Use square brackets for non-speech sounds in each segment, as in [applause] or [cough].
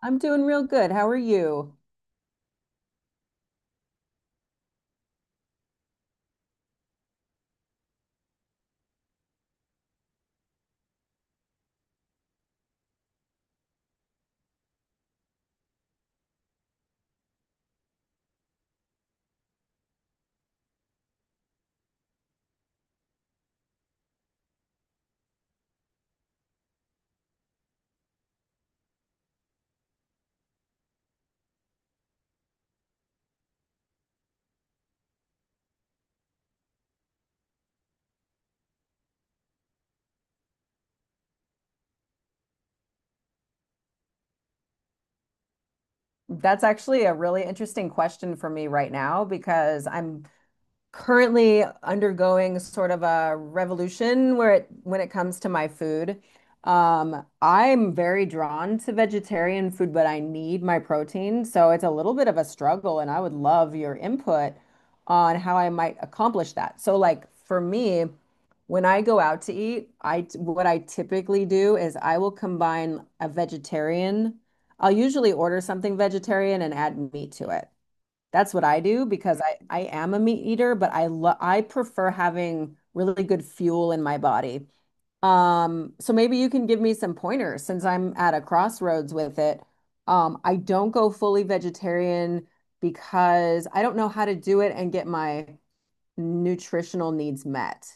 I'm doing real good. How are you? That's actually a really interesting question for me right now because I'm currently undergoing sort of a revolution where it when it comes to my food. I'm very drawn to vegetarian food, but I need my protein, so it's a little bit of a struggle, and I would love your input on how I might accomplish that. So, like for me. When I go out to eat, I what I typically do is I will combine a vegetarian. I'll usually order something vegetarian and add meat to it. That's what I do because I am a meat eater, but I prefer having really good fuel in my body. So maybe you can give me some pointers since I'm at a crossroads with it. I don't go fully vegetarian because I don't know how to do it and get my nutritional needs met.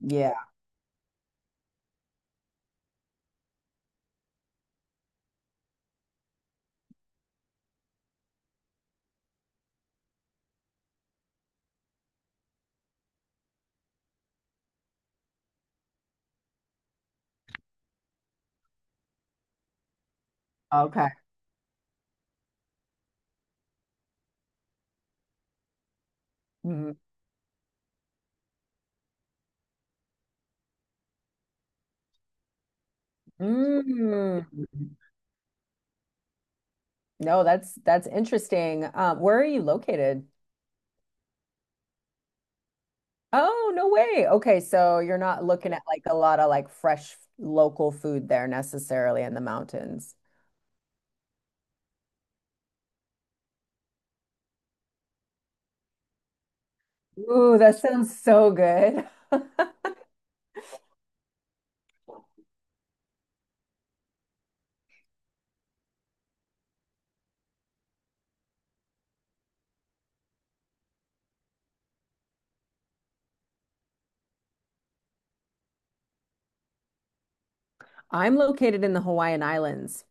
Yeah. Okay. Mhm. Mm. No, that's interesting. Where are you located? Oh, no way. Okay, so you're not looking at like a lot of like fresh local food there necessarily in the mountains. Ooh, that sounds so good. [laughs] I'm located in the Hawaiian Islands.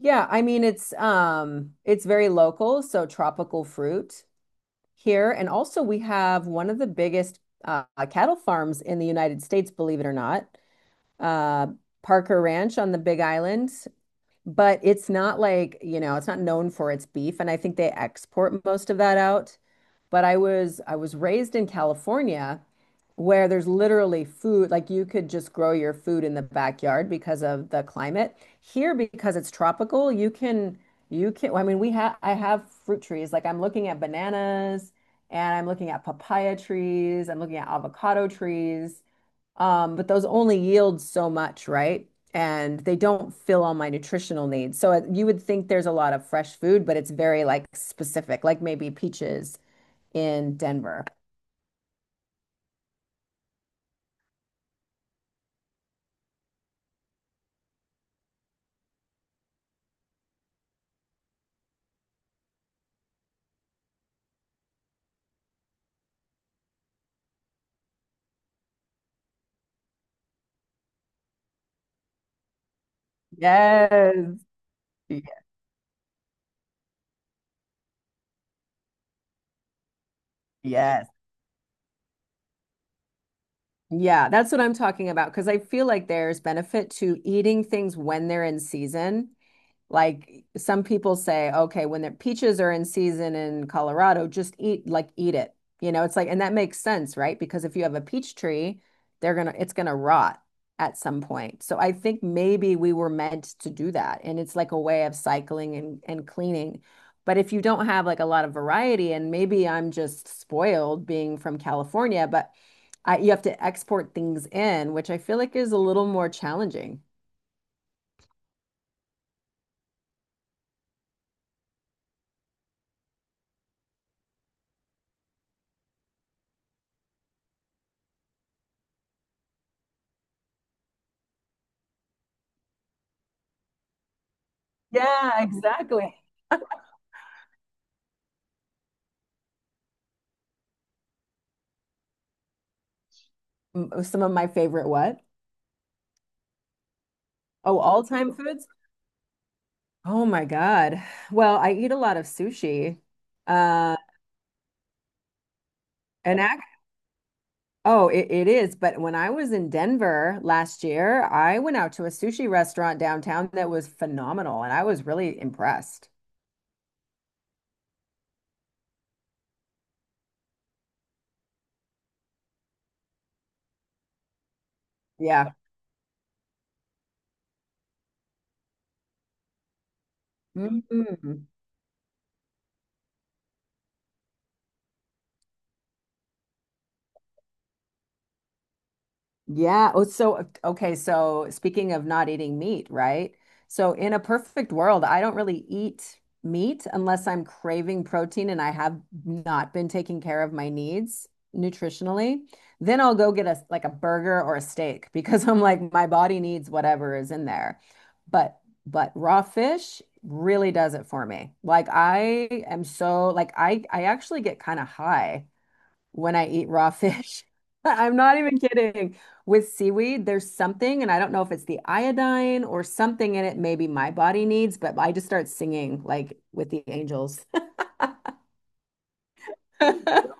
Yeah, I mean it's very local, so tropical fruit here, and also we have one of the biggest uh, cattle farms in the United States, believe it or not. uh, Parker Ranch on the Big Island, but it's not like, you know, it's not known for its beef, and I think they export most of that out. But I was raised in California where there's literally food, like you could just grow your food in the backyard because of the climate. Here, because it's tropical, you can I have fruit trees. Like I'm looking at bananas and I'm looking at papaya trees, I'm looking at avocado trees. But those only yield so much, right? And they don't fill all my nutritional needs. You would think there's a lot of fresh food, but it's very like specific, like maybe peaches in Denver. Yes. Y- Yes. Yeah, that's what I'm talking about because I feel like there's benefit to eating things when they're in season. Like some people say, okay, when the peaches are in season in Colorado, just eat it. You know, it's like, and that makes sense, right? Because if you have a peach tree, they're gonna it's gonna rot at some point. So I think maybe we were meant to do that. And it's like a way of cycling and cleaning. But if you don't have like a lot of variety, and maybe I'm just spoiled being from California, but you have to export things in, which I feel like is a little more challenging. Yeah, exactly. Some of my favorite what? Oh, all-time foods? Oh my God. Well, I eat a lot of sushi. Uh, and act Oh, it is. But when I was in Denver last year, I went out to a sushi restaurant downtown that was phenomenal, and I was really impressed. Yeah. Mhm. Yeah. Oh, so okay. So speaking of not eating meat, right? So in a perfect world, I don't really eat meat unless I'm craving protein and I have not been taking care of my needs nutritionally. Then I'll go get a like a burger or a steak [laughs] because I'm like my body needs whatever is in there. But raw fish really does it for me. Like I am so like I actually get kind of high when I eat raw fish. [laughs] I'm not even kidding. With seaweed, there's something, and I don't know if it's the iodine or something in it, maybe my body needs, but I just start singing like with the angels. [laughs]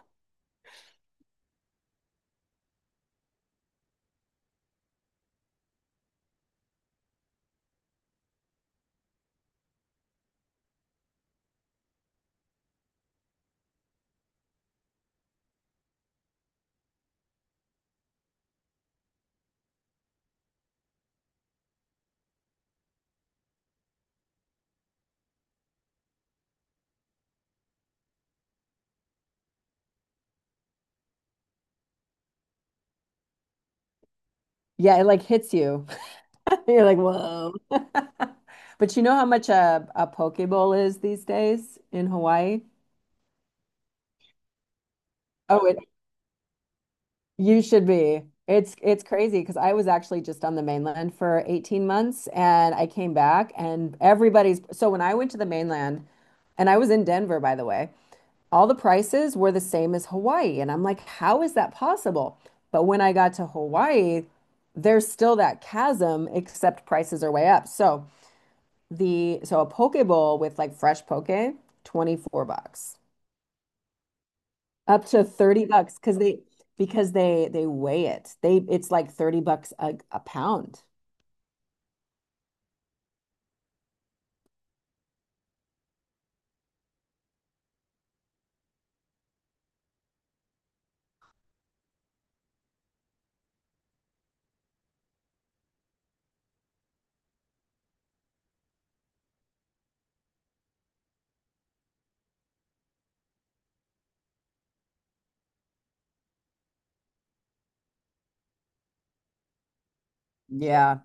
Yeah, it like hits you. [laughs] You're like, whoa. [laughs] But you know how much a poke bowl is these days in Hawaii? Oh, it You should be. It's crazy because I was actually just on the mainland for 18 months and I came back and everybody's so when I went to the mainland and I was in Denver, by the way, all the prices were the same as Hawaii and I'm like, how is that possible? But when I got to Hawaii, there's still that chasm except prices are way up. So a poke bowl with like fresh poke, 24 bucks. Up to 30 bucks because they weigh it. They It's like 30 bucks a pound. Yeah.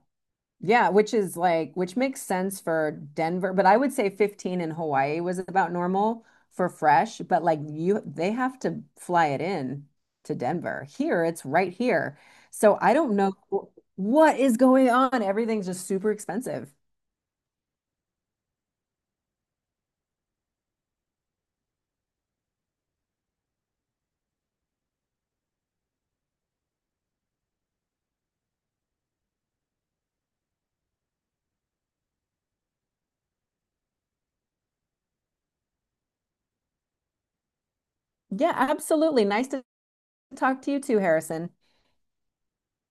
Yeah, which is like, which makes sense for Denver, but I would say 15 in Hawaii was about normal for fresh, but like you, they have to fly it in to Denver. Here, it's right here. So I don't know what is going on. Everything's just super expensive. Yeah, absolutely. Nice to talk to you too, Harrison.